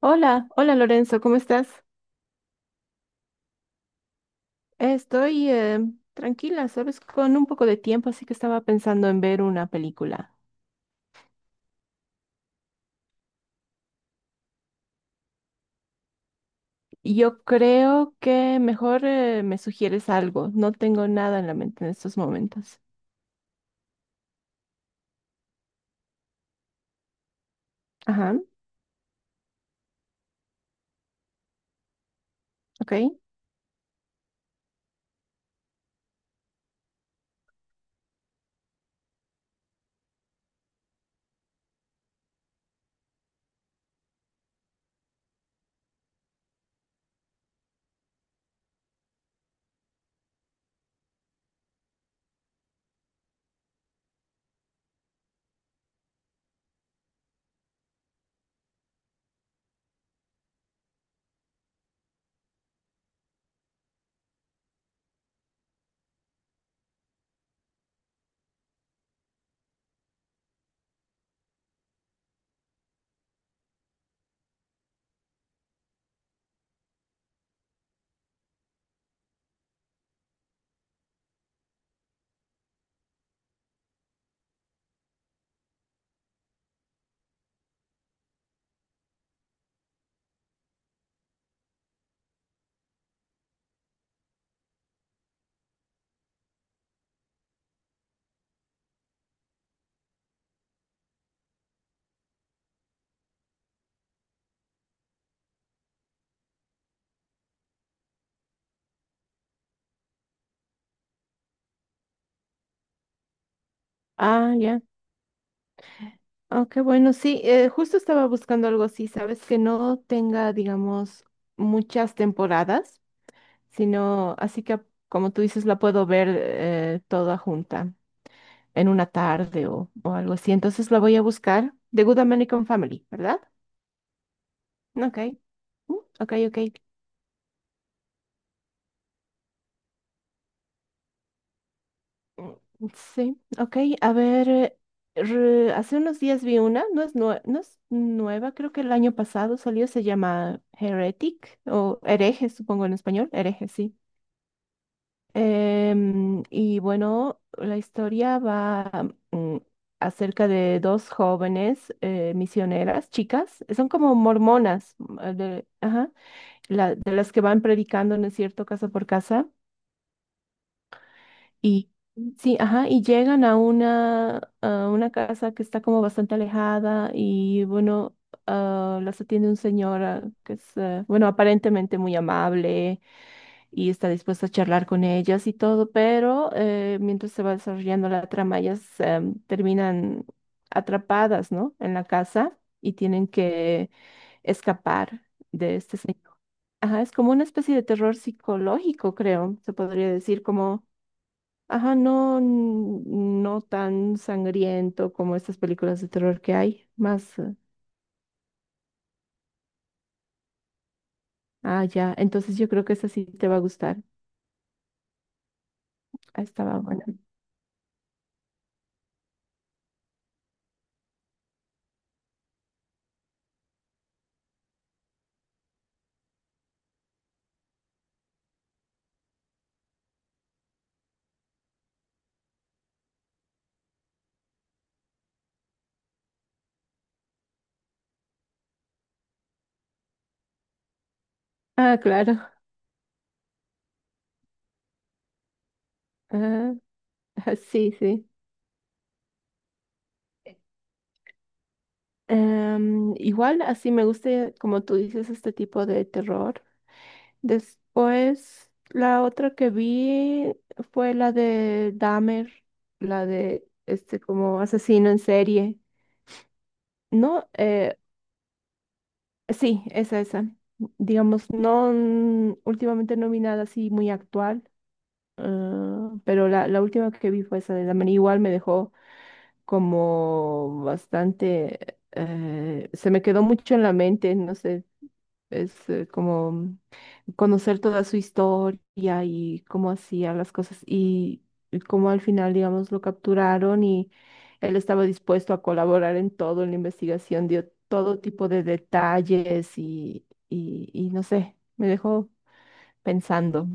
Hola, hola Lorenzo, ¿cómo estás? Estoy tranquila, sabes, con un poco de tiempo, así que estaba pensando en ver una película. Yo creo que mejor me sugieres algo, no tengo nada en la mente en estos momentos. Ajá, ok. Ah, ya. Ah, qué bueno, sí, justo estaba buscando algo así, sabes, que no tenga, digamos, muchas temporadas, sino así que, como tú dices, la puedo ver toda junta en una tarde o algo así. Entonces la voy a buscar. The Good American Family, ¿verdad? Ok. Mm, ok, ok. Mm, sí, ok. A ver, hace unos días vi una, no es, no es nueva, creo que el año pasado salió, se llama Heretic o Hereje, supongo en español, Hereje, sí. Y bueno, la historia va acerca de dos jóvenes misioneras, chicas, son como mormonas, mm, ajá, de las que van predicando, ¿no es cierto?, casa por casa. Y sí, ajá, y llegan a a una casa que está como bastante alejada y bueno, ah, las atiende un señor ah, que es, ah, bueno, aparentemente muy amable y está dispuesto a charlar con ellas y todo, pero mientras se va desarrollando la trama, ellas terminan atrapadas, ¿no? En la casa y tienen que escapar de este señor. Ajá, es como una especie de terror psicológico, creo, se podría decir, como... Ajá, no, no tan sangriento como estas películas de terror que hay, más, ah, ya, entonces yo creo que esa sí te va a gustar. Ah, estaba buena. Ah, claro. Ah, ah, sí, sí. Igual así me gusta, como tú dices, este tipo de terror. Después, la otra que vi fue la de Dahmer, la de este como asesino en serie. No, sí, esa, esa. Digamos, no, mm, últimamente no vi nada así muy actual. Ah, pero la última que vi fue esa de Dahmer. Igual me dejó como bastante, se me quedó mucho en la mente, no sé, es como conocer toda su historia y cómo hacía las cosas y cómo al final, digamos, lo capturaron y él estaba dispuesto a colaborar en todo, en la investigación, dio todo tipo de detalles y, y no sé, me dejó pensando.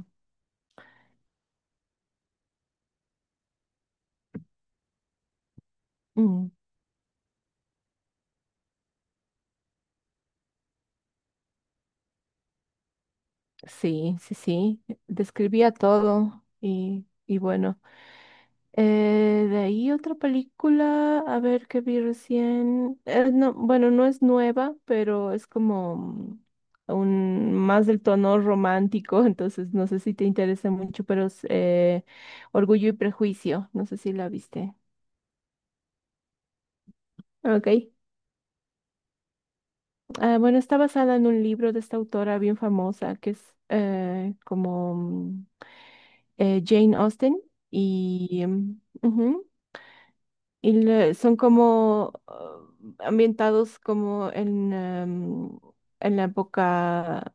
Mm. Sí, sí, sí, describía todo y bueno, de ahí otra película, a ver qué vi recién, no, bueno, no es nueva, pero es como un, más del tono romántico, entonces no sé si te interesa mucho, pero es Orgullo y Prejuicio, no sé si la viste. Ok, ah, bueno, está basada en un libro de esta autora bien famosa que es como... Jane Austen y, em, ujú, y son como ambientados como en, en la época,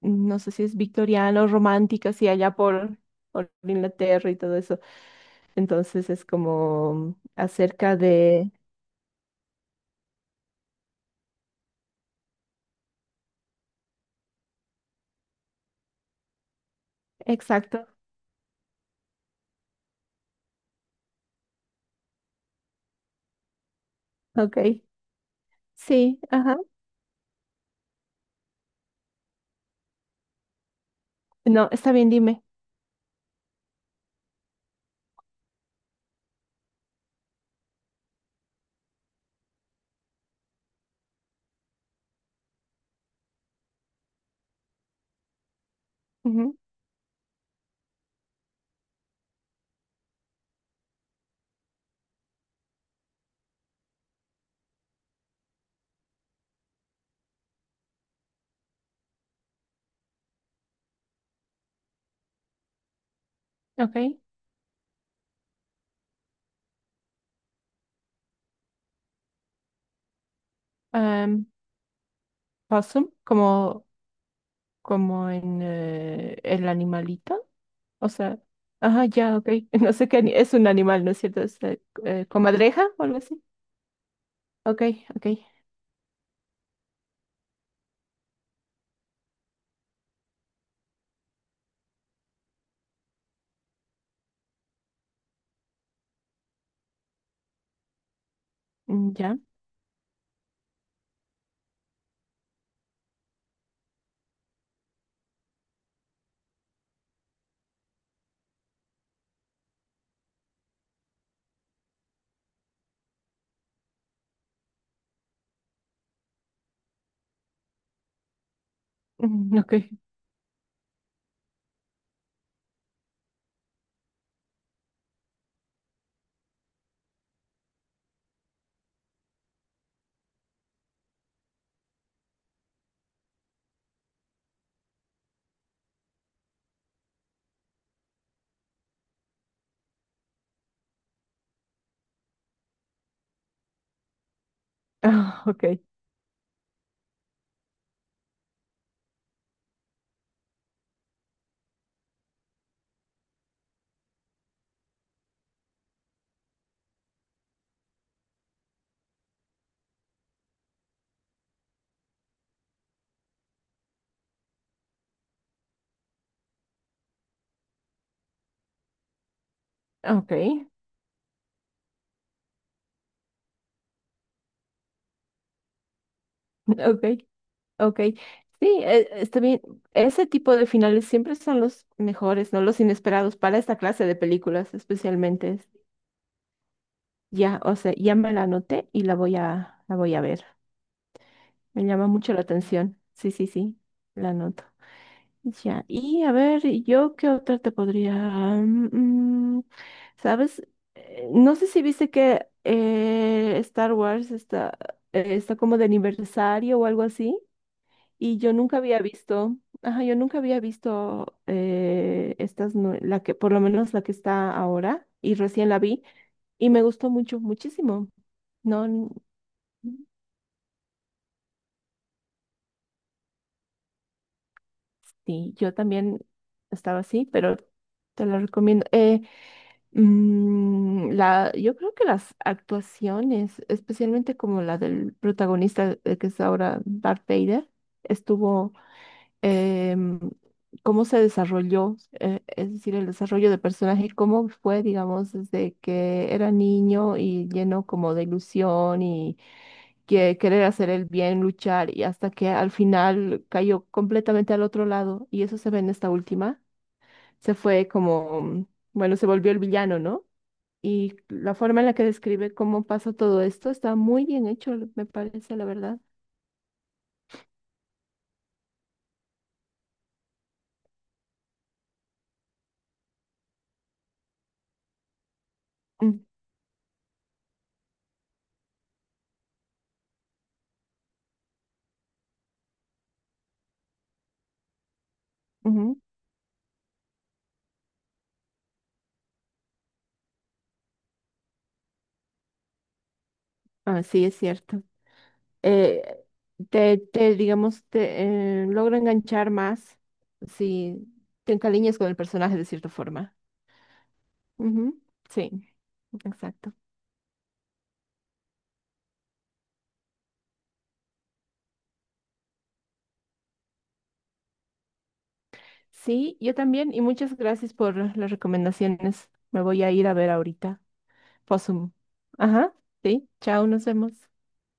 no sé si es victoriana o romántica, así allá por Inglaterra y todo eso. Entonces es como acerca de... Exacto, ok. Sí, ajá. No, está bien, dime. Ujú, ok. Em, possum, como, como en el animalito. O sea, ajá, ya, ok. No sé qué es un animal, ¿no es cierto? Es comadreja o algo así. Ok, ok. Mm, ya. Mm, ok. Ah, ok. Ok. Ok. Ok. Sí, está bien. Ese tipo de finales siempre son los mejores, ¿no? Los inesperados para esta clase de películas, especialmente. Ya, o sea, ya me la anoté y la voy a ver. Me llama mucho la atención. Sí, sí, sí. La anoto. Ya, y a ver, yo qué otra te podría... mm, mm, ¿sabes? No sé si viste que Star Wars está, está como de aniversario o algo así, y yo nunca había visto, ajá, yo nunca había visto estas, la que, por lo menos la que está ahora, y recién la vi, y me gustó mucho, muchísimo. No, sí, yo también estaba así, pero te lo recomiendo. La, yo creo que las actuaciones, especialmente como la del protagonista, que es ahora Darth Vader, estuvo, em, cómo se desarrolló, es decir, el desarrollo del personaje, cómo fue, digamos, desde que era niño y lleno como de ilusión y que querer hacer el bien, luchar, y hasta que al final cayó completamente al otro lado, y eso se ve en esta última, se fue como, mm, bueno, se volvió el villano, ¿no? Y la forma en la que describe cómo pasa todo esto está muy bien hecho, me parece, la verdad. Mm, ujú. Ah, sí, es cierto. Eh, digamos, te logra enganchar más si te encariñas con el personaje de cierta forma. Ujú, sí, exacto. Sí, yo también, y muchas gracias por las recomendaciones. Me voy a ir a ver ahorita. Posum. Ajá, sí, chao, nos vemos.